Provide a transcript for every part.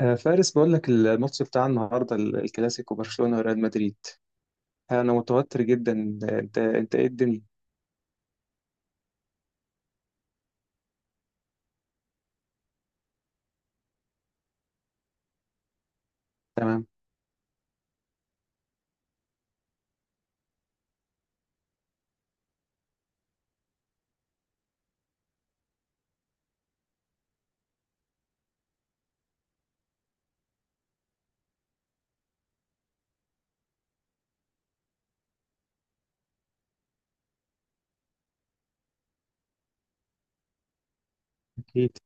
فارس بقول لك الماتش بتاع النهارده الكلاسيكو برشلونة وريال مدريد. انا متوتر جدا. انت ايه الدنيا؟ تمام. أكيد.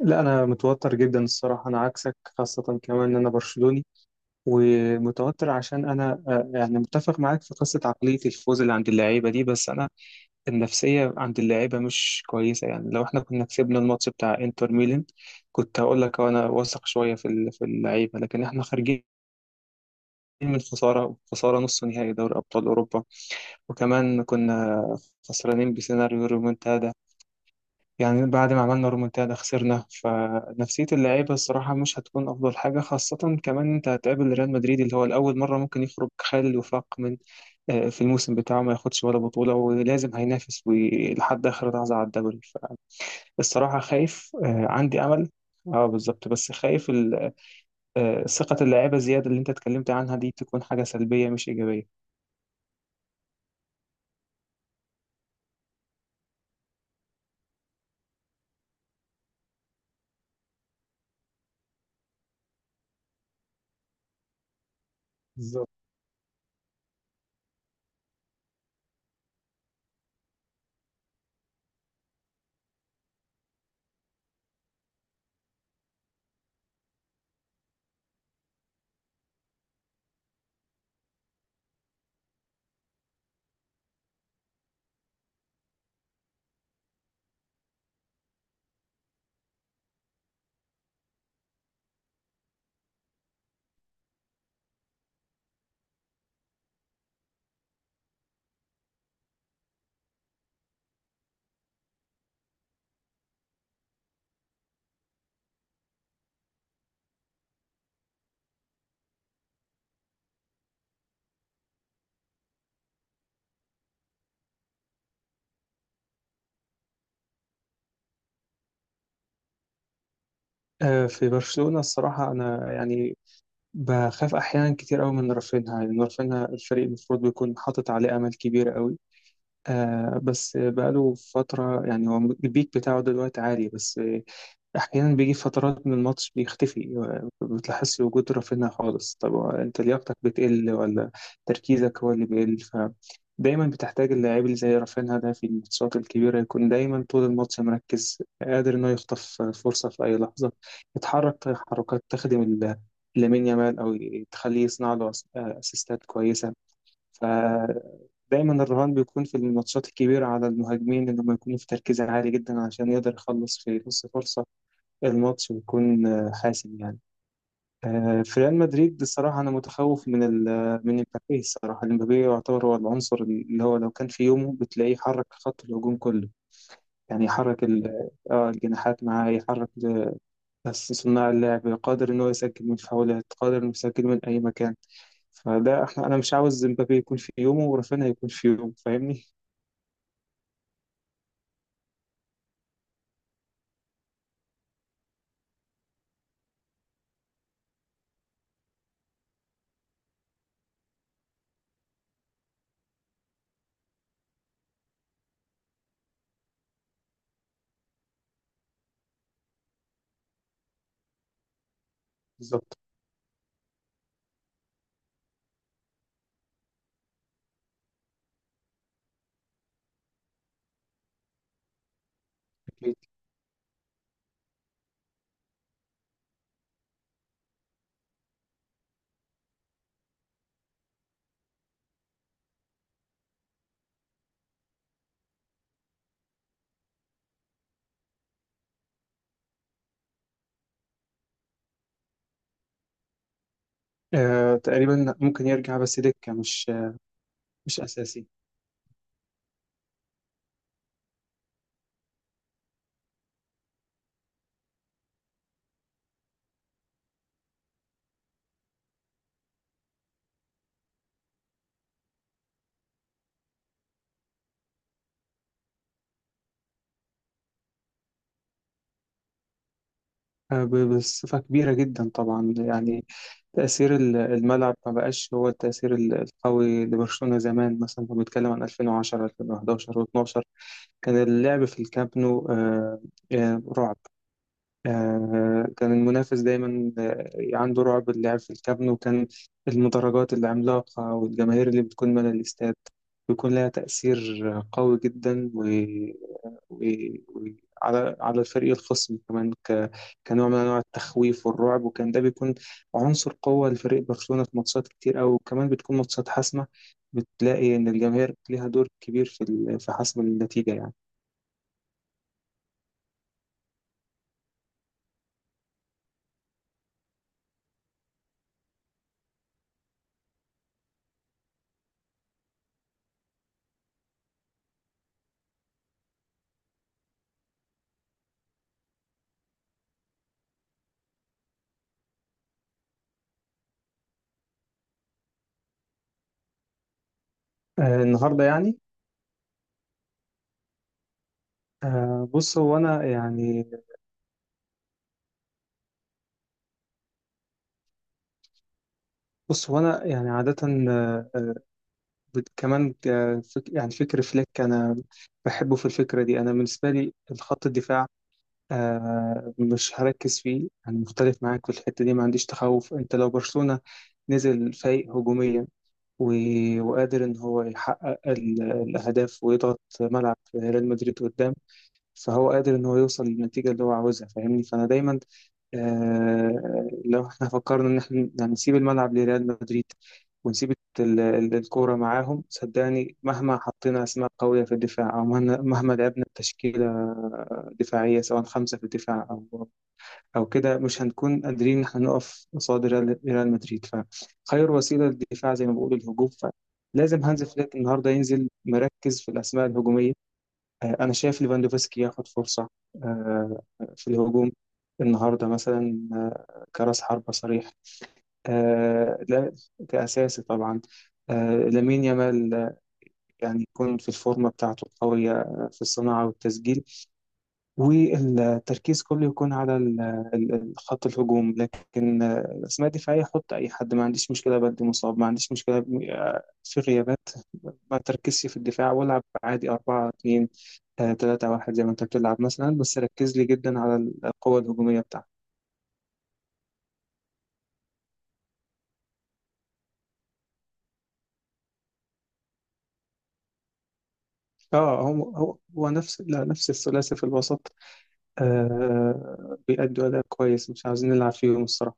لا، انا متوتر جدا الصراحة، انا عكسك، خاصة كمان ان انا برشلوني ومتوتر عشان انا، يعني، متفق معاك في قصة عقلية الفوز اللي عند اللعيبة دي، بس انا النفسية عند اللعيبة مش كويسة. يعني لو احنا كنا كسبنا الماتش بتاع انتر ميلان كنت هقول لك انا واثق شوية في اللعيبة، لكن احنا خارجين من خسارة نص نهائي دوري أبطال أوروبا، وكمان كنا خسرانين بسيناريو رومونتادا. يعني بعد ما عملنا رومونتادا خسرنا، فنفسية اللعيبة الصراحة مش هتكون أفضل حاجة، خاصة كمان أنت هتقابل ريال مدريد اللي هو الأول مرة ممكن يخرج خالي الوفاق من في الموسم بتاعه ما ياخدش ولا بطولة، ولازم هينافس لحد آخر لحظة على الدوري. فالصراحة خايف، عندي أمل. اه، بالظبط. بس خايف ثقة اللعيبة زيادة اللي أنت اتكلمت عنها دي تكون حاجة سلبية مش إيجابية. بالظبط. في برشلونة الصراحة، أنا يعني بخاف أحيانا كتير قوي من رافينها، لأن رافينها الفريق المفروض بيكون حاطط عليه أمل كبير قوي. بس بقاله فترة يعني، هو البيك بتاعه دلوقتي عالي، بس أحيانا بيجي فترات من الماتش بيختفي، ما بتلاحظش وجود رافينيا خالص. طب هو أنت لياقتك بتقل ولا تركيزك هو اللي بيقل؟ فدايما بتحتاج اللاعب اللي زي رافينيا ده في الماتشات الكبيرة يكون دايما طول الماتش مركز، قادر إنه يخطف فرصة في أي لحظة، يتحرك حركات تخدم لامين يامال، أو تخليه يصنع له أسيستات كويسة. فدايما الرهان بيكون في الماتشات الكبيرة على المهاجمين إنهم يكونوا في تركيز عالي جدا، عشان يقدر يخلص في نص فرصة. الماتش بيكون حاسم يعني. في ريال مدريد الصراحة، أنا متخوف من من امبابي. الصراحة امبابي يعتبر هو العنصر اللي هو لو كان في يومه بتلاقيه يحرك خط الهجوم كله، يعني يحرك الجناحات معاه، يحرك بس صناع اللعب، قادر إن هو يسجل من فاولات، قادر إنه يسجل من أي مكان. فده احنا أنا مش عاوز امبابي يكون في يومه ورافينيا يكون في يومه، فاهمني؟ بالظبط. تقريبا ممكن يرجع بس دكة، مش مش أساسي. بصفة كبيرة جدا طبعا. يعني تأثير الملعب ما بقاش هو التأثير القوي لبرشلونة زمان. مثلا لو بنتكلم عن 2010، 2011 و12، كان اللعب في الكامب نو رعب. كان المنافس دايما عنده رعب اللعب في الكامب نو، كان المدرجات العملاقة والجماهير اللي بتكون من الاستاد بيكون لها تأثير قوي جدا. على الفريق الخصم كمان، كنوع من انواع التخويف والرعب، وكان ده بيكون عنصر قوة لفريق برشلونة في ماتشات كتير أوي، وكمان بتكون ماتشات حاسمة، بتلاقي إن الجماهير ليها دور كبير في حسم النتيجة يعني. النهاردة يعني، آه بص هو أنا يعني بص هو أنا يعني عادة، آه، كمان، يعني فكر فليك. أنا بحبه في الفكرة دي. أنا بالنسبة لي الخط الدفاع مش هركز فيه، انا مختلف معاك في الحته دي، ما عنديش تخوف. انت لو برشلونه نزل فايق هجوميا و... وقادر ان هو يحقق الاهداف ويضغط ملعب ريال مدريد قدام، فهو قادر ان هو يوصل للنتيجه اللي هو عاوزها، فاهمني؟ فانا دايما لو احنا فكرنا ان احنا يعني نسيب الملعب لريال مدريد، ونسيب الكوره معاهم، صدقني مهما حطينا اسماء قويه في الدفاع، او مهما لعبنا تشكيله دفاعيه، سواء 5 في الدفاع او كده، مش هنكون قادرين ان احنا نقف قصاد ريال مدريد. فخير وسيله الدفاع، زي ما بقول، الهجوم. فلازم هانز فليك النهارده ينزل مركز في الاسماء الهجوميه. أنا شايف ليفاندوفسكي ياخد فرصة، آه، في الهجوم النهاردة مثلا، كرأس حربة صريح. لا، كأساسي طبعا. لامين يامال يعني يكون في الفورمة بتاعته القوية، في الصناعة والتسجيل، والتركيز كله يكون على خط الهجوم. لكن الأسماء الدفاعية حط أي حد، ما عنديش مشكلة. بدي مصاب ما عنديش مشكلة، في غيابات ما تركزش في الدفاع، والعب عادي 4 2 3 1 زي ما أنت بتلعب مثلا، بس ركز لي جدا على القوة الهجومية بتاعتك. اه، هو نفس، لا، نفس الثلاثي في الوسط بيأدوا أداء كويس، مش عاوزين نلعب فيهم الصراحة.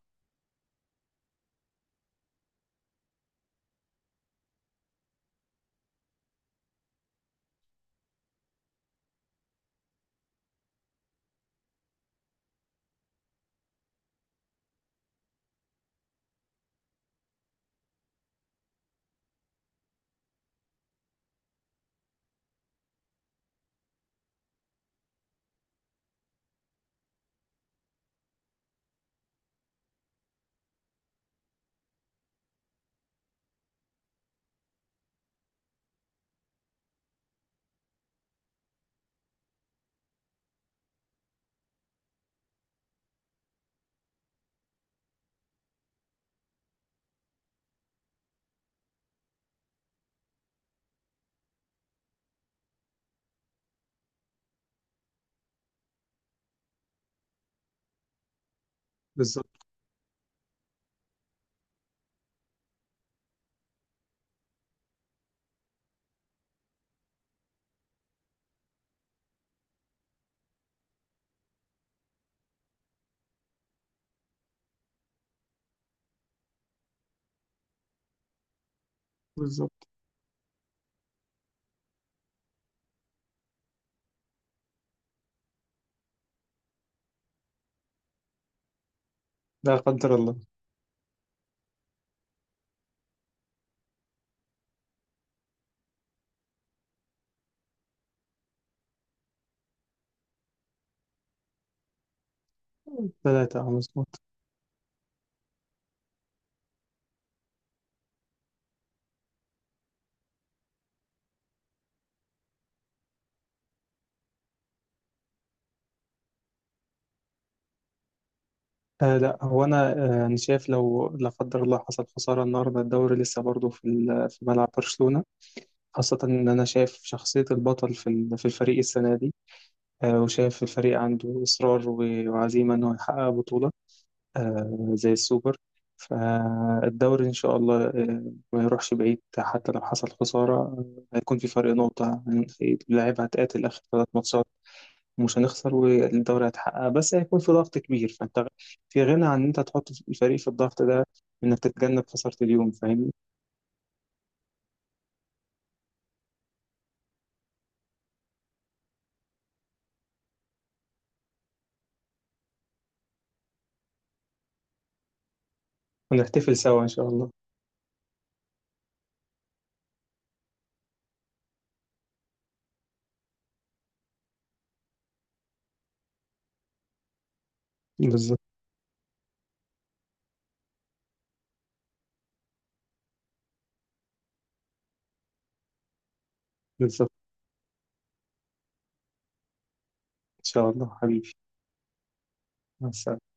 بالظبط. بالظبط. لا قدر الله. ثلاثة مظبوط. لا، هو انا انا شايف لو لا قدر الله حصل خساره النهارده، الدوري لسه برضه في ملعب برشلونه، خاصه ان انا شايف شخصيه البطل في الفريق السنه دي، وشايف الفريق عنده اصرار وعزيمه انه يحقق بطوله زي السوبر. فالدوري ان شاء الله ما يروحش بعيد. حتى لو حصل خساره هيكون في فرق نقطه يعني، اللاعب هتقاتل اخر 3 ماتشات، مش هنخسر، والدوري هيتحقق. بس هيكون في ضغط كبير، فانت في غنى عن ان انت تحط الفريق في الضغط ده، انك تتجنب خسارة اليوم، فاهمني؟ ونحتفل سوا ان شاء الله. بالظبط. بالظبط. ان شاء الله حبيبي. مع السلامة.